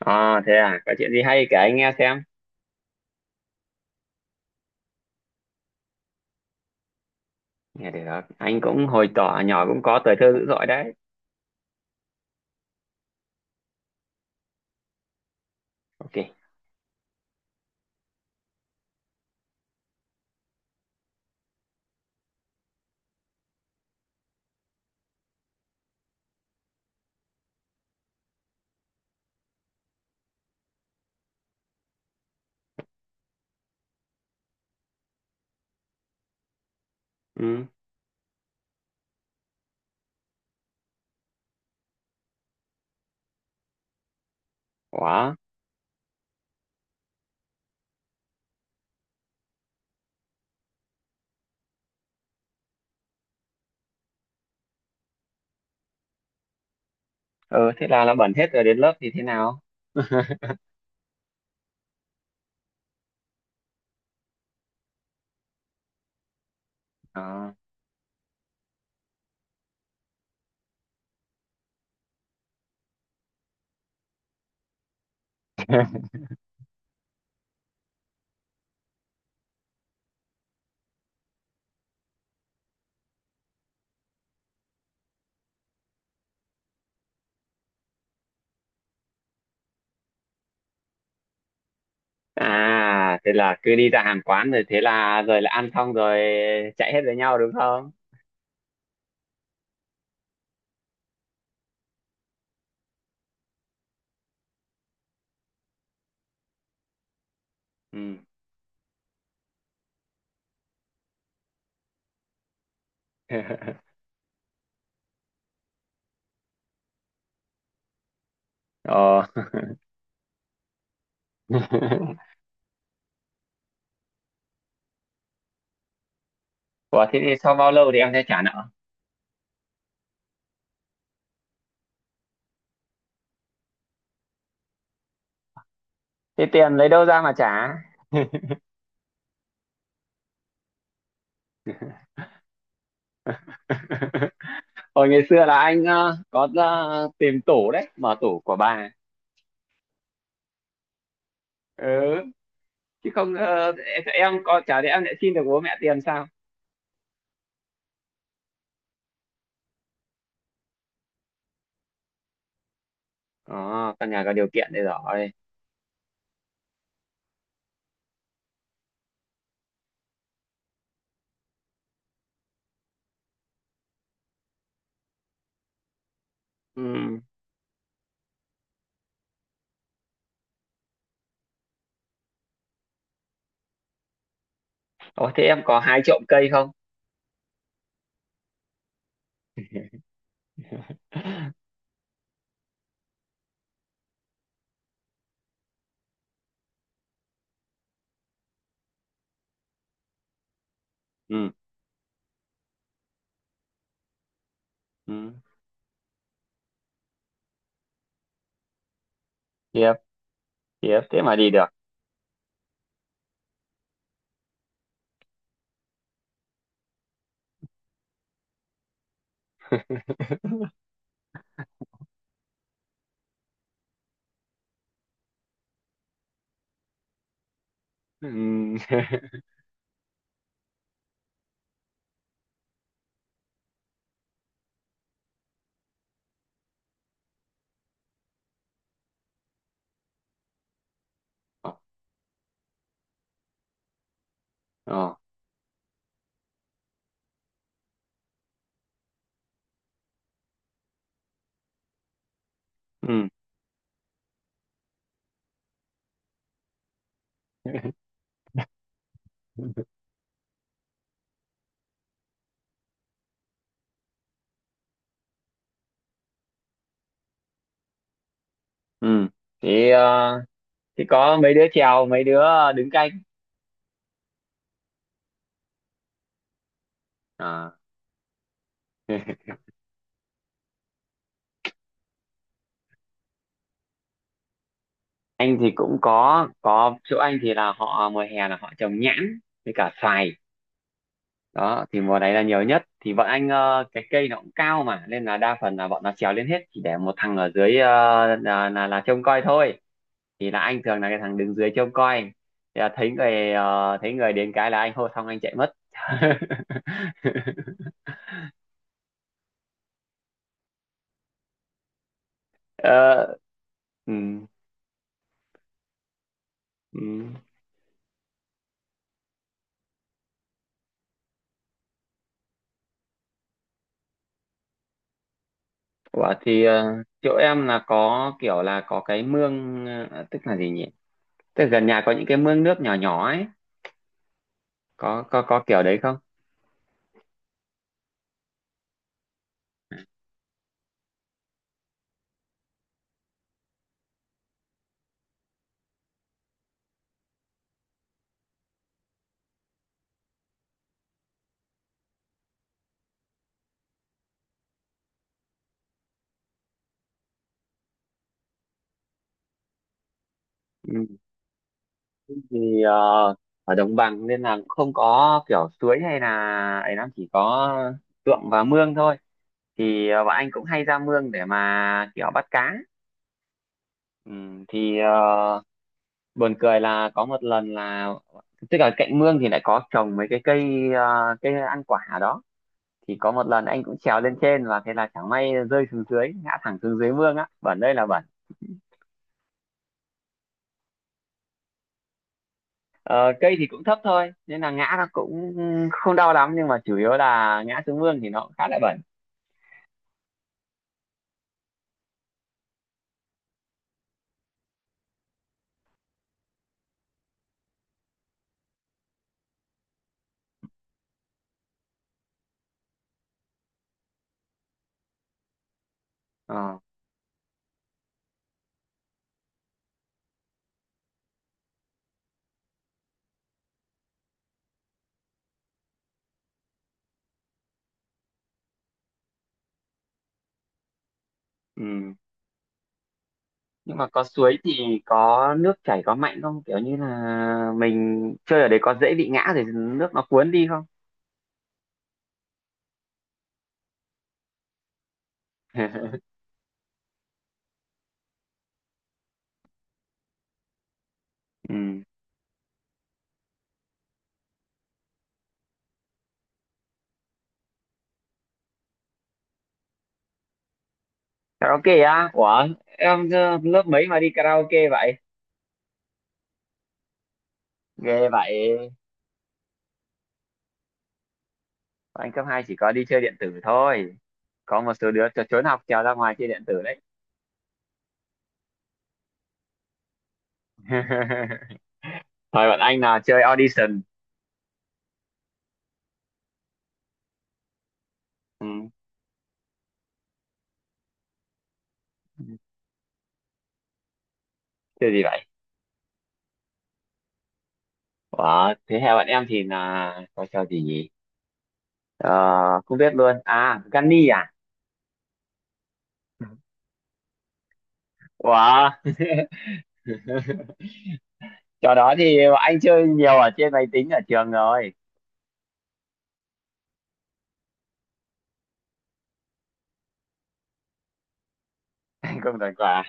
À, thế à, có chuyện gì hay kể anh nghe xem. Nghe được, anh cũng hồi tỏ nhỏ cũng có tuổi thơ dữ dội đấy. Ok. Ừ, quá. Ừ, thế là bẩn hết rồi đến lớp thì thế nào? À. À, thế là cứ đi ra hàng quán rồi thế là rồi là ăn xong rồi chạy hết với nhau đúng không? Ừ. Ờ. Ủa, thế thì sau bao lâu thì em sẽ trả nợ? Thế tiền lấy đâu ra mà trả? Hồi ngày xưa là anh có tìm tủ đấy, mở tủ của bà. Ừ. Chứ không em có chả lẽ em lại xin được bố mẹ tiền sao? Ờ, căn nhà có điều kiện đây rồi. Ừ. Ồ, thế em có hai trộm cây không? Ừ. Ừ, tiếp, tiếp, thế mà đi được. Ừ. Ờ. Ờ. Ừ. Ừ, thì thì có mấy đứa chèo mấy đứa đứng canh. Ờ. Anh thì cũng có chỗ anh thì là họ mùa hè là họ trồng nhãn với cả xoài. Đó thì mùa này là nhiều nhất, thì bọn anh cái cây nó cũng cao mà nên là đa phần là bọn nó trèo lên hết, chỉ để một thằng ở dưới là trông coi thôi. Thì là anh thường là cái thằng đứng dưới trông coi, thì là thấy người thấy người đến cái là anh hô xong anh chạy mất. Ờ, ừ, ừ. Ủa, thì chỗ em là có kiểu là có cái mương tức là gì nhỉ, tức là gần nhà có những cái mương nước nhỏ nhỏ ấy, có kiểu đấy không? Thì ở đồng bằng nên là không có kiểu suối hay là ấy lắm, chỉ có ruộng và mương thôi. Thì bọn anh cũng hay ra mương để mà kiểu bắt cá. Ừ, thì buồn cười là có một lần là, tức là cạnh mương thì lại có trồng mấy cái cây cây ăn quả ở đó. Thì có một lần anh cũng trèo lên trên và thế là chẳng may rơi xuống dưới, ngã thẳng xuống dưới mương á, bẩn đây là bẩn. Ờ, cây thì cũng thấp thôi nên là ngã nó cũng không đau lắm, nhưng mà chủ yếu là ngã xuống mương thì nó cũng khá là bẩn. Ờ, ừ. Nhưng mà có suối thì có nước chảy, có mạnh không, kiểu như là mình chơi ở đấy có dễ bị ngã rồi nước nó cuốn đi không? Ừ. Karaoke á? Ủa, em lớp mấy mà đi karaoke vậy? Ghê vậy. Bọn anh cấp 2 chỉ có đi chơi điện tử thôi, có một số đứa tr- trốn học trèo ra ngoài chơi điện tử đấy. Thôi, bọn anh là chơi audition. Ừ. Chơi gì vậy? Ủa, thế theo bạn em thì là có trò gì nhỉ? Ờ, không biết luôn. À, Gunny à? Ủa, trò đó thì anh chơi nhiều ở trên máy tính ở trường rồi. Anh không đoán quả.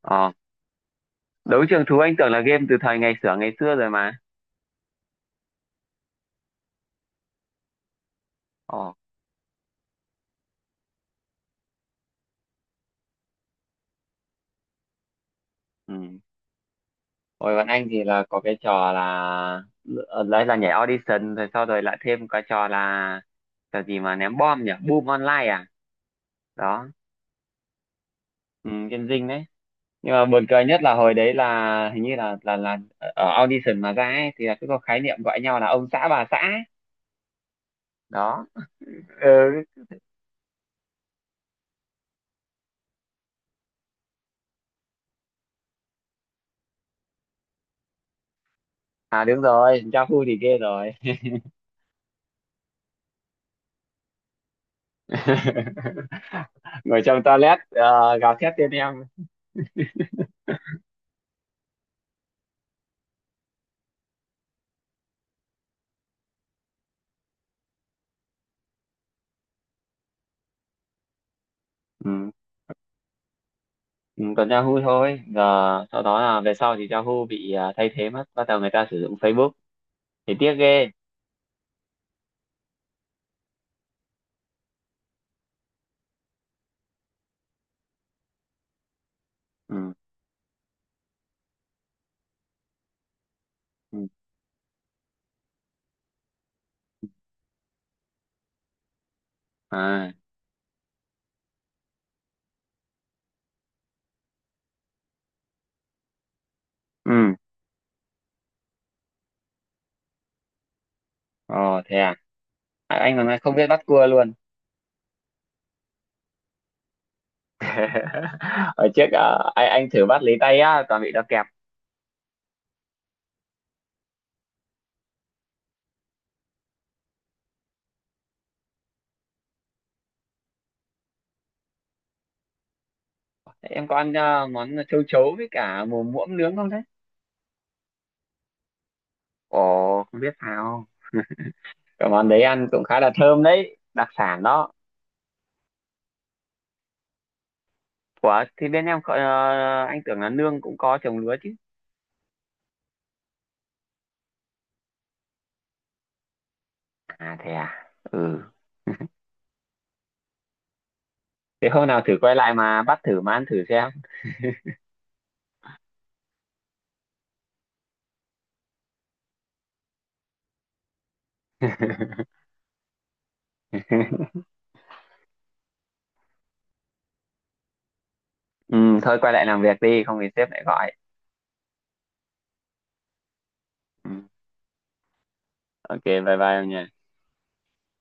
Ờ, đấu trường thú anh tưởng là game từ thời ngày xưa rồi mà. Ờ, ừ. Hồi bọn anh thì là có cái trò là ờ, đấy là nhảy audition, rồi sau rồi lại thêm cái trò là trò gì mà ném bom nhỉ? Boom online à? Đó, ừ, game dinh đấy. Nhưng mà buồn cười nhất là hồi đấy là hình như là ở audition mà ra ấy, thì là cứ có khái niệm gọi nhau là ông xã bà xã ấy. Đó. Ừ. À, đúng rồi, cha phu thì ghê rồi. Ngồi trong toilet gào thét tên em. Ừ. Ừ, còn Yahoo thôi giờ, sau đó là về sau thì Yahoo bị thay thế mất, bắt đầu người ta sử dụng Facebook, thì tiếc ghê. Ừ. Ừ. À, ừ. Ờ, thế à. À, anh còn không biết bắt cua luôn. Hồi trước anh thử bắt lấy tay á toàn bị nó kẹp. Thế em có ăn món châu chấu với cả mồm muỗng nướng không thế? Ồ, không biết sao, cái món đấy ăn cũng khá là thơm đấy, đặc sản đó. Ủa, thì bên em có, anh tưởng là nương cũng có trồng lúa chứ. À, thế à. Ừ, thế hôm nào thử quay lại mà bắt thử mà ăn thử xem. Ừ, thôi quay lại làm việc đi không thì sếp lại gọi. Ừ. Ok, bye bye em nhỉ.